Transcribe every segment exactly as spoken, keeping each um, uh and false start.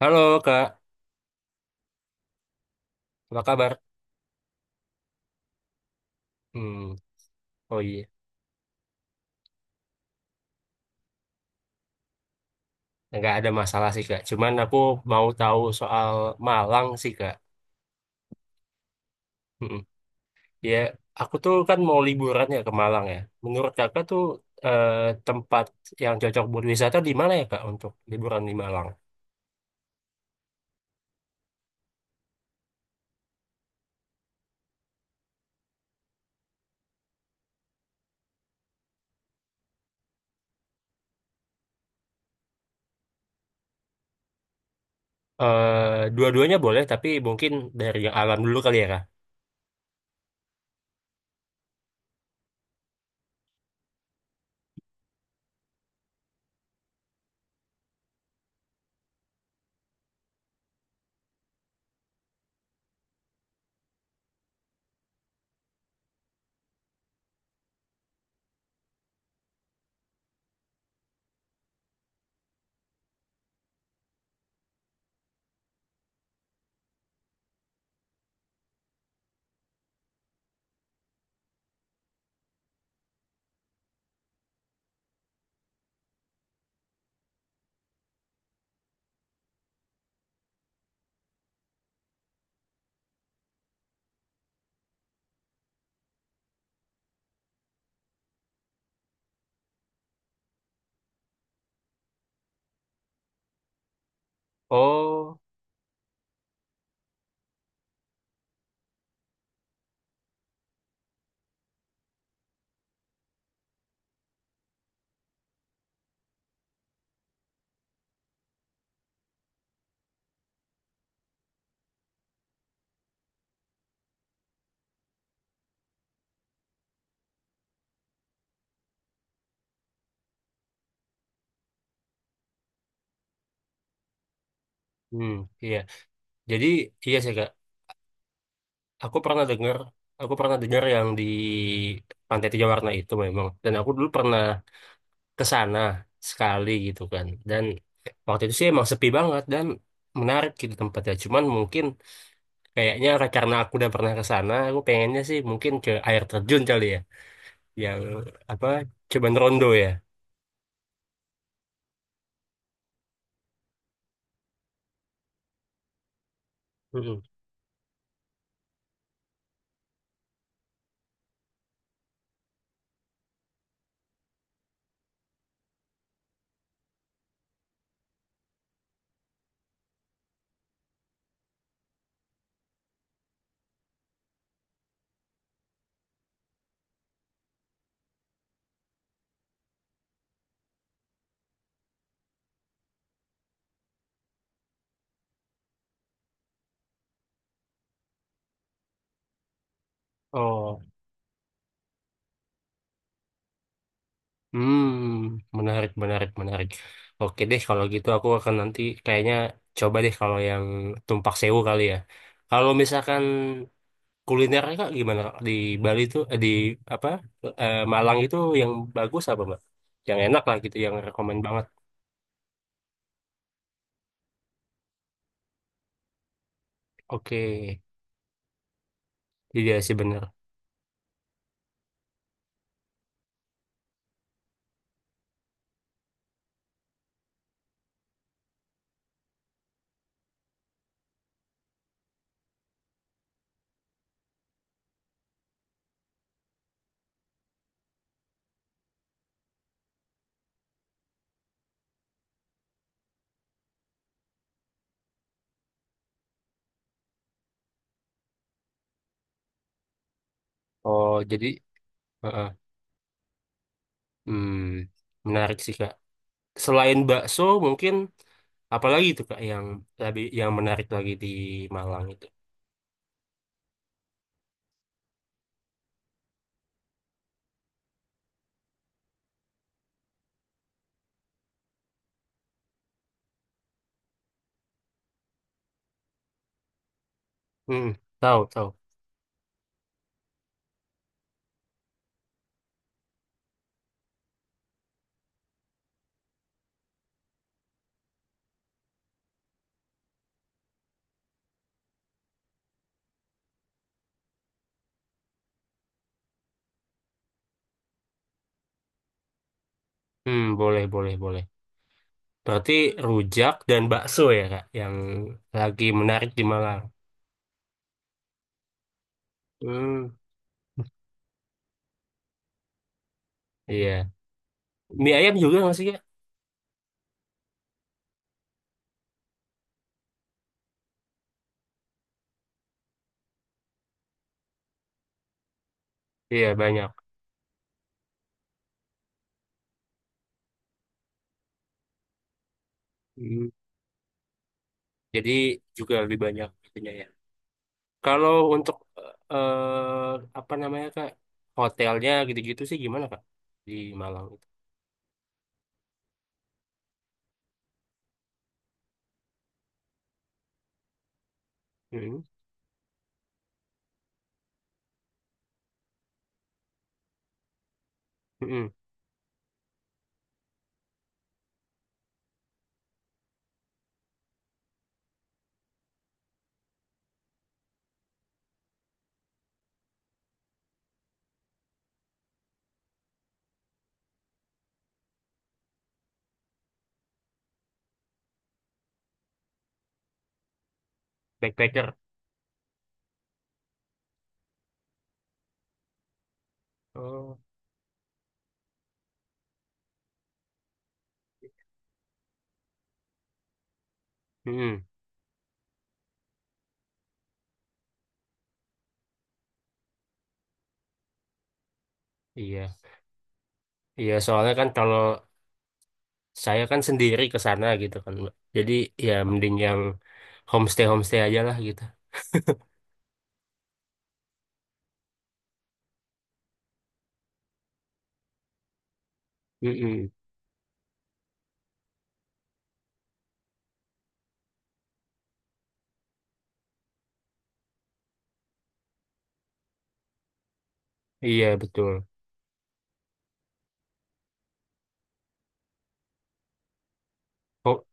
Halo Kak, apa kabar? Hmm, oh iya, nggak ada masalah sih Kak. Cuman aku mau tahu soal Malang sih Kak. Hmm, ya, aku tuh kan mau liburan ya ke Malang ya. Menurut Kakak tuh, eh, tempat yang cocok buat wisata di mana ya Kak untuk liburan di Malang? Eh, dua-duanya boleh, tapi mungkin dari yang alam dulu kali ya Kak. Oh, hmm, iya. Jadi iya sih Kak. Aku pernah dengar, aku pernah dengar yang di Pantai Tiga Warna itu memang. Dan aku dulu pernah ke sana sekali gitu kan, dan waktu itu sih emang sepi banget dan menarik gitu tempatnya. Cuman mungkin kayaknya karena aku udah pernah ke sana, aku pengennya sih mungkin ke air terjun kali ya, yang apa, Cuman Rondo ya. Mm-mm. oh hmm menarik, menarik, menarik. Oke deh, kalau gitu aku akan nanti kayaknya coba deh kalau yang Tumpak Sewu kali ya. Kalau misalkan kulinernya Kak, gimana Kak? Di Bali itu, eh, di apa, eh, Malang itu yang bagus apa Mbak, yang enak lah gitu, yang rekomend banget. Oke, jadi ya sih bener. Oh, jadi, heeh. hmm, menarik sih Kak. Selain bakso mungkin apalagi itu Kak, yang lebih yang menarik lagi di Malang itu? Hmm, tahu, tahu. Hmm, boleh, boleh, boleh. Berarti rujak dan bakso ya Kak yang lagi menarik di Malang. Hmm, iya, mie ayam juga nggak sih Kak? Iya, banyak. Hmm, Jadi juga lebih banyak itunya ya. Kalau untuk eh, apa namanya Kak, hotelnya gitu-gitu sih gimana Kak di Malang itu? Hmm, hmm, backpacker. Oh, hmm, iya, iya. Soalnya kan kalau saya kan sendiri ke sana gitu kan, Mbak. Jadi ya mending yang homestay homestay aja lah gitu. Hmm, iya betul. Oh,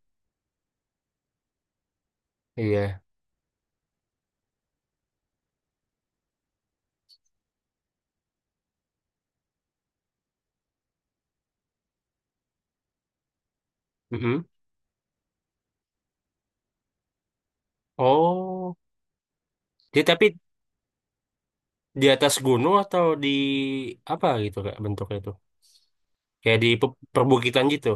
iya. Hmm, oh, dia tapi di atas gunung atau di apa gitu Kak bentuknya itu? Kayak di pe- perbukitan gitu.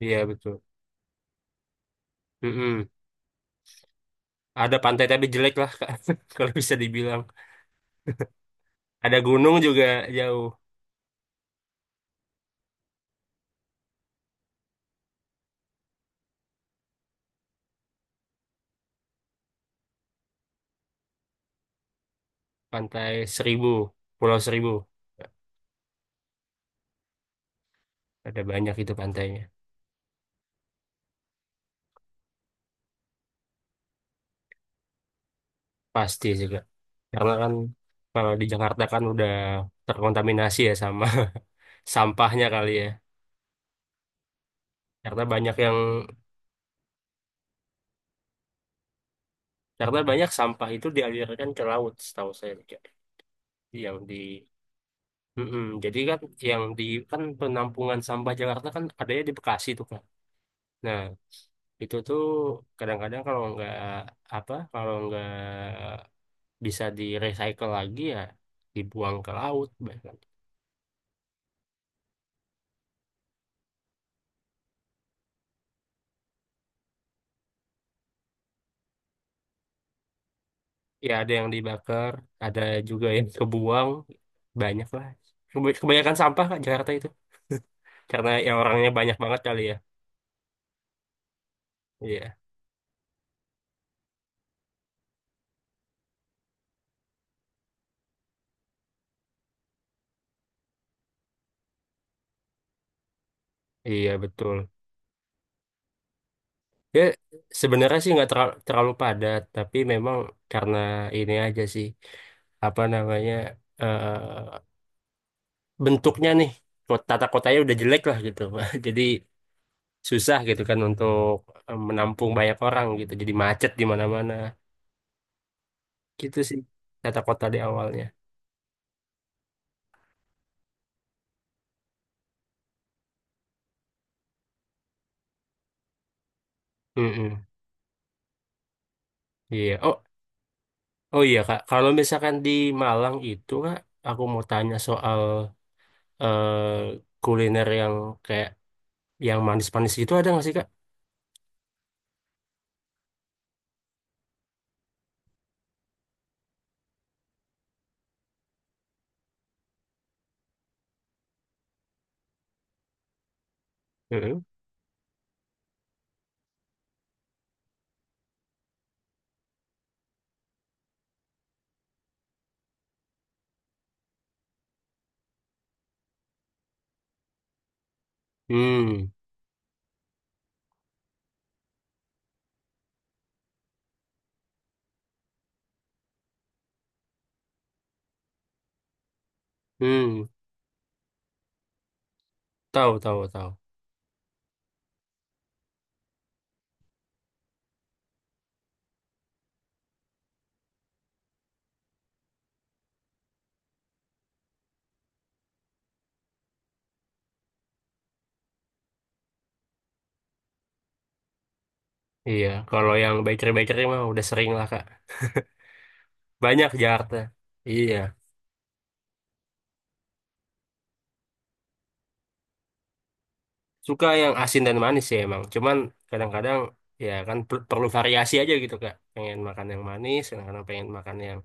Iya, betul. Mm-mm. Ada pantai tapi jelek lah, Kak. Kalau bisa dibilang. Ada gunung juga jauh. Pantai Seribu, Pulau Seribu. Ada banyak itu pantainya. Pasti juga. Karena kan kalau di Jakarta kan udah terkontaminasi ya sama sampahnya kali ya. Karena banyak yang karena banyak sampah itu dialirkan ke laut, setahu saya, Kak. Yang di Mm-mm. Jadi kan yang di kan penampungan sampah Jakarta kan adanya di Bekasi tuh kan. Nah, itu tuh kadang-kadang kalau nggak apa kalau nggak bisa di recycle lagi ya, dibuang ke laut bahkan. Ya ada yang dibakar, ada juga yang kebuang, banyak lah. Kebany- kebanyakan sampah Kak, Jakarta itu karena ya orangnya banyak banget kali ya. Iya, iya, betul. Ya sebenarnya sih nggak terlalu, terlalu padat, tapi memang karena ini aja sih, apa namanya, eh bentuknya nih, kota tata kotanya udah jelek lah gitu, jadi susah gitu kan untuk eh, menampung banyak orang gitu. Jadi macet di mana-mana. Gitu sih tata kota di awalnya. Mm-mm. Iya. Oh, oh iya Kak. Kalau misalkan di Malang itu Kak, aku mau tanya soal eh, kuliner yang kayak yang manis-manis gitu ada nggak sih Kak? Mm-mm. Hmm, hmm, tahu, tahu, tahu. Iya, kalau yang bakery-bakery mah udah sering lah Kak. Banyak Jakarta. Iya. Suka yang asin dan manis sih emang. Cuman kadang-kadang ya kan per- perlu variasi aja gitu Kak. Pengen makan yang manis, kadang-kadang pengen makan yang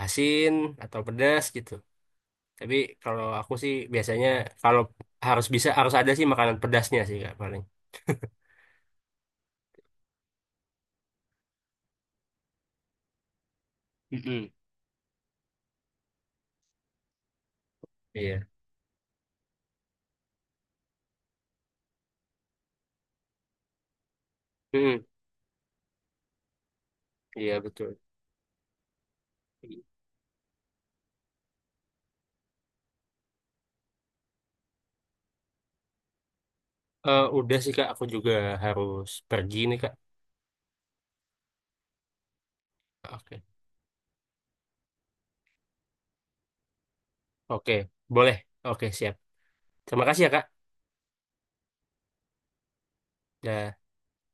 asin atau pedas gitu. Tapi kalau aku sih biasanya, kalau harus bisa harus ada sih makanan pedasnya sih Kak paling. Mm-mm. Iya. Mm, iya betul. Eh, udah sih Kak, aku juga harus pergi nih Kak. Oke. Oke, boleh. Oke, siap. Terima kasih ya Kak. Dan